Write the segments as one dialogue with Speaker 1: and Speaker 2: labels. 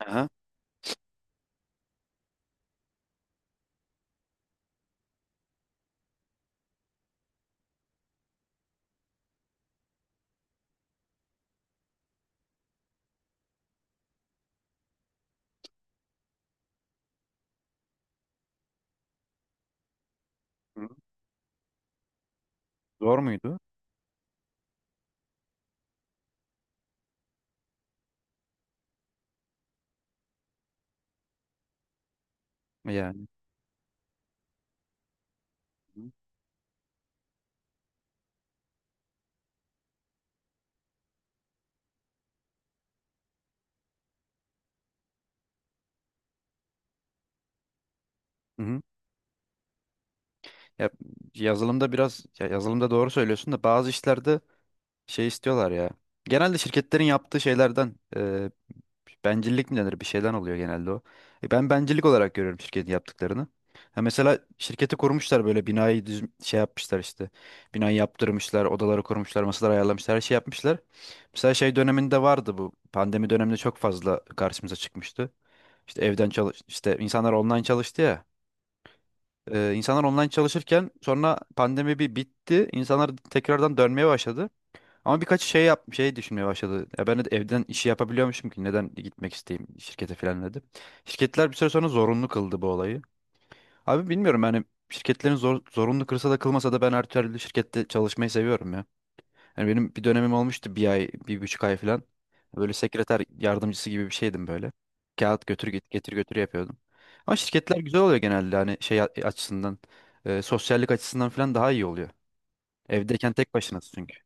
Speaker 1: Aha. Hı. Zor muydu? Yani. Hı hı. Ya, yazılımda biraz ya yazılımda doğru söylüyorsun da bazı işlerde şey istiyorlar ya. Genelde şirketlerin yaptığı şeylerden bencillik mi denir bir şeyden oluyor genelde o. Ben bencillik olarak görüyorum şirketin yaptıklarını. Ha, mesela şirketi kurmuşlar böyle binayı düz şey yapmışlar işte. Binayı yaptırmışlar, odaları kurmuşlar, masalar ayarlamışlar, her şey yapmışlar. Mesela şey döneminde vardı bu. Pandemi döneminde çok fazla karşımıza çıkmıştı. İşte evden çalış işte insanlar online çalıştı ya. İnsanlar online çalışırken sonra pandemi bir bitti. İnsanlar tekrardan dönmeye başladı. Ama birkaç şey yap şey düşünmeye başladı. Ya ben de evden işi yapabiliyormuşum ki neden gitmek isteyeyim şirkete falan dedi. Şirketler bir süre sonra zorunlu kıldı bu olayı. Abi bilmiyorum yani şirketlerin zorunlu kılsa da kılmasa da ben her türlü şirkette çalışmayı seviyorum ya. Yani benim bir dönemim olmuştu bir ay, bir buçuk ay falan. Böyle sekreter yardımcısı gibi bir şeydim böyle. Kağıt götür git getir götür yapıyordum. Ama şirketler güzel oluyor genelde hani şey açısından, sosyallik açısından falan daha iyi oluyor. Evdeyken tek başınasın çünkü.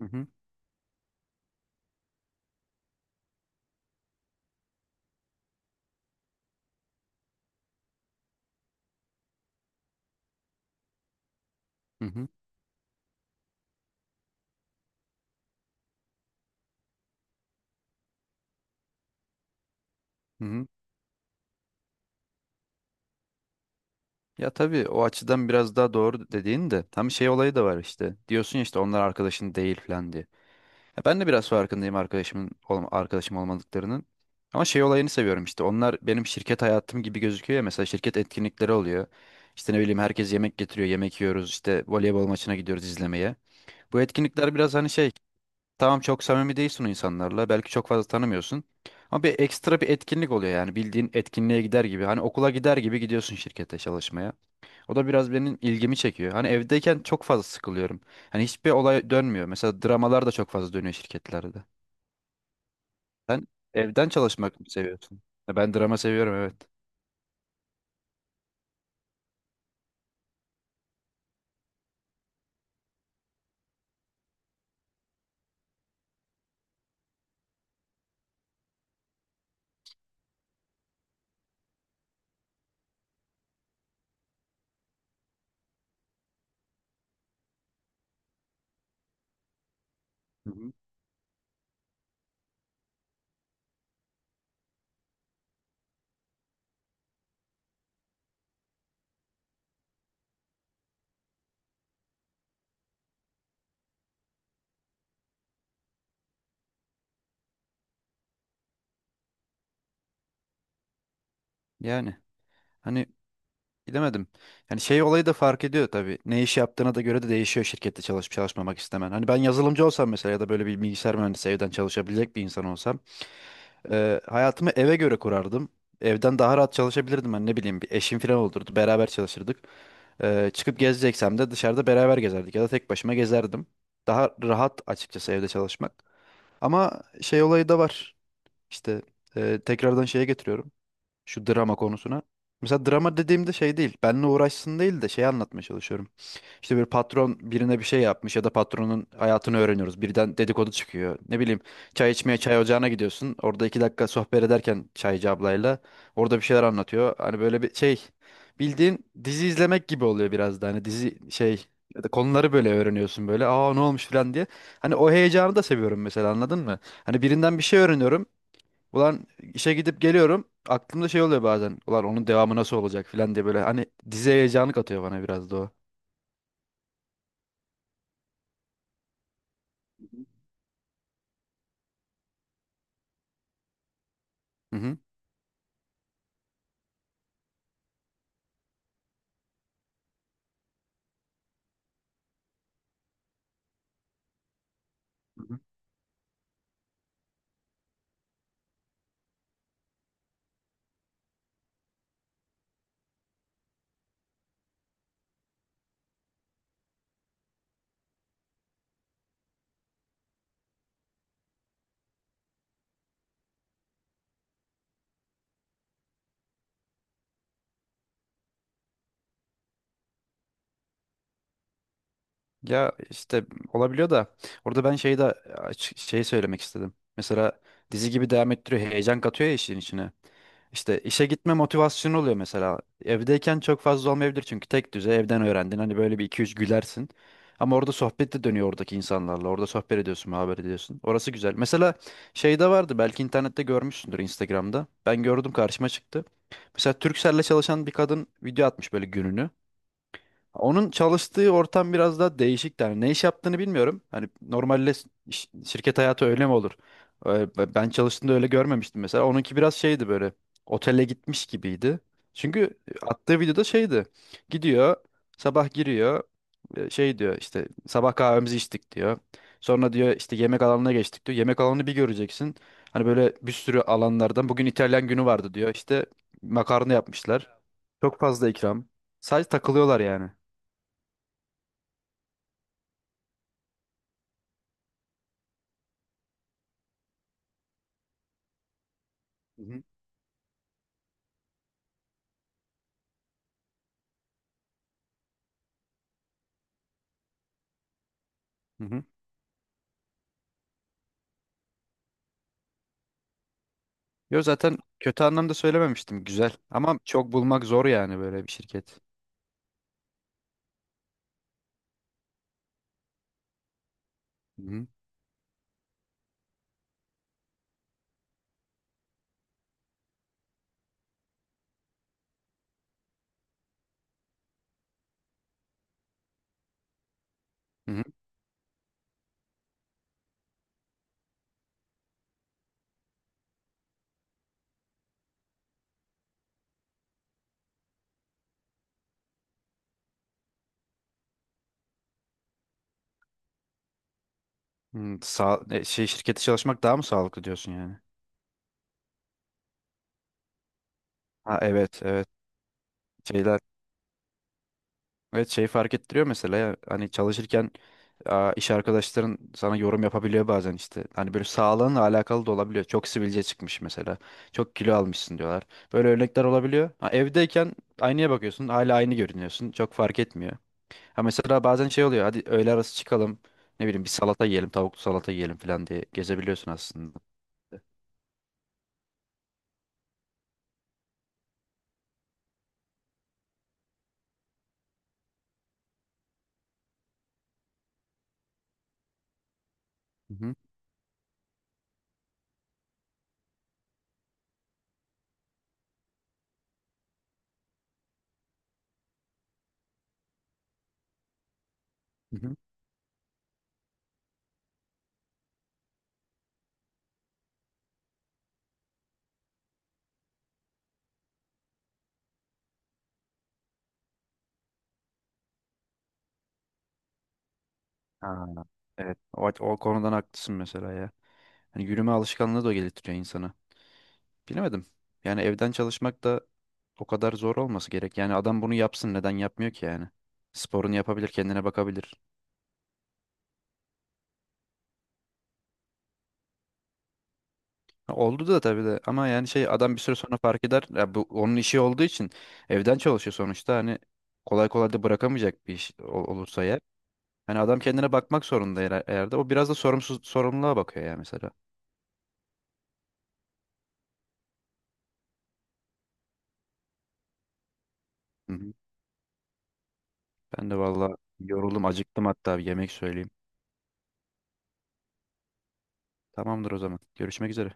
Speaker 1: Hı hı, hı hı, hı hı. Ya tabii o açıdan biraz daha doğru dediğin de tam şey olayı da var işte. Diyorsun ya işte onlar arkadaşın değil falan diye. Ya ben de biraz farkındayım arkadaşım olmadıklarının. Ama şey olayını seviyorum işte. Onlar benim şirket hayatım gibi gözüküyor ya. Mesela şirket etkinlikleri oluyor. İşte ne bileyim herkes yemek getiriyor. Yemek yiyoruz. İşte voleybol maçına gidiyoruz izlemeye. Bu etkinlikler biraz hani şey. Tamam çok samimi değilsin o insanlarla. Belki çok fazla tanımıyorsun. Ama bir ekstra bir etkinlik oluyor yani. Bildiğin etkinliğe gider gibi. Hani okula gider gibi gidiyorsun şirkete çalışmaya. O da biraz benim ilgimi çekiyor. Hani evdeyken çok fazla sıkılıyorum. Hani hiçbir olay dönmüyor. Mesela dramalar da çok fazla dönüyor şirketlerde. Sen evden çalışmak mı seviyorsun? Ya ben drama seviyorum evet. Hı hı. Yani hani bilemedim. Yani şey olayı da fark ediyor tabii. Ne iş yaptığına da göre de değişiyor şirkette çalışıp çalışmamak istemen. Hani ben yazılımcı olsam mesela ya da böyle bir bilgisayar mühendisi evden çalışabilecek bir insan olsam hayatımı eve göre kurardım. Evden daha rahat çalışabilirdim ben ne bileyim bir eşim falan olurdu beraber çalışırdık. Çıkıp gezeceksem de dışarıda beraber gezerdik ya da tek başıma gezerdim. Daha rahat açıkçası evde çalışmak. Ama şey olayı da var. İşte tekrardan şeye getiriyorum. Şu drama konusuna. Mesela drama dediğimde şey değil. Benimle uğraşsın değil de şey anlatmaya çalışıyorum. İşte bir patron birine bir şey yapmış ya da patronun hayatını öğreniyoruz. Birden dedikodu çıkıyor. Ne bileyim çay içmeye çay ocağına gidiyorsun. Orada iki dakika sohbet ederken çaycı ablayla orada bir şeyler anlatıyor. Hani böyle bir şey bildiğin dizi izlemek gibi oluyor biraz da. Hani dizi şey ya da konuları böyle öğreniyorsun böyle. Aa ne olmuş falan diye. Hani o heyecanı da seviyorum mesela anladın mı? Hani birinden bir şey öğreniyorum. Ulan işe gidip geliyorum. Aklımda şey oluyor bazen. Ulan onun devamı nasıl olacak filan diye böyle hani dizi heyecanı katıyor bana biraz da o. Hı hı. Hı hı. Ya işte olabiliyor da orada ben şeyi de şey söylemek istedim. Mesela dizi gibi devam ettiriyor, heyecan katıyor ya işin içine. İşte işe gitme motivasyonu oluyor mesela. Evdeyken çok fazla olmayabilir çünkü tek düze evden öğrendin. Hani böyle bir iki üç gülersin. Ama orada sohbet de dönüyor oradaki insanlarla. Orada sohbet ediyorsun, muhabbet ediyorsun. Orası güzel. Mesela şeyde vardı belki internette görmüşsündür Instagram'da. Ben gördüm karşıma çıktı. Mesela Turkcell'le çalışan bir kadın video atmış böyle gününü. Onun çalıştığı ortam biraz daha değişik yani ne iş yaptığını bilmiyorum. Hani normalde şirket hayatı öyle mi olur? Ben çalıştığımda öyle görmemiştim mesela. Onunki biraz şeydi böyle otele gitmiş gibiydi. Çünkü attığı videoda şeydi. Gidiyor sabah giriyor şey diyor işte sabah kahvemizi içtik diyor. Sonra diyor işte yemek alanına geçtik diyor. Yemek alanını bir göreceksin. Hani böyle bir sürü alanlardan bugün İtalyan günü vardı diyor. İşte makarna yapmışlar. Çok fazla ikram. Sadece takılıyorlar yani. Hı hı. Hı hı. Yo zaten kötü anlamda söylememiştim. Güzel. Ama çok bulmak zor yani böyle bir şirket. Hı hı. Hı hı. Şey şirkete çalışmak daha mı sağlıklı diyorsun yani? Ha evet evet. Şeyler evet şey fark ettiriyor mesela ya, hani çalışırken iş arkadaşların sana yorum yapabiliyor bazen işte. Hani böyle sağlığınla alakalı da olabiliyor. Çok sivilce çıkmış mesela. Çok kilo almışsın diyorlar. Böyle örnekler olabiliyor. Ha, evdeyken aynaya bakıyorsun. Hala aynı görünüyorsun. Çok fark etmiyor. Ha mesela bazen şey oluyor. Hadi öğle arası çıkalım. Ne bileyim bir salata yiyelim, tavuklu salata yiyelim falan diye gezebiliyorsun aslında. Hı-hı. Hı-hı. Ha, evet. O konudan haklısın mesela ya. Hani yürüme alışkanlığı da geliştiriyor insana. Bilemedim. Yani evden çalışmak da o kadar zor olması gerek. Yani adam bunu yapsın neden yapmıyor ki yani? Sporunu yapabilir, kendine bakabilir. Ha, oldu da tabii de ama yani şey adam bir süre sonra fark eder. Ya bu onun işi olduğu için evden çalışıyor sonuçta. Hani kolay kolay da bırakamayacak bir iş olursa eğer. Hani adam kendine bakmak zorunda eğer de o biraz da sorumluluğa bakıyor ya mesela. Hı hı. Ben de valla yoruldum, acıktım hatta bir yemek söyleyeyim. Tamamdır o zaman. Görüşmek üzere.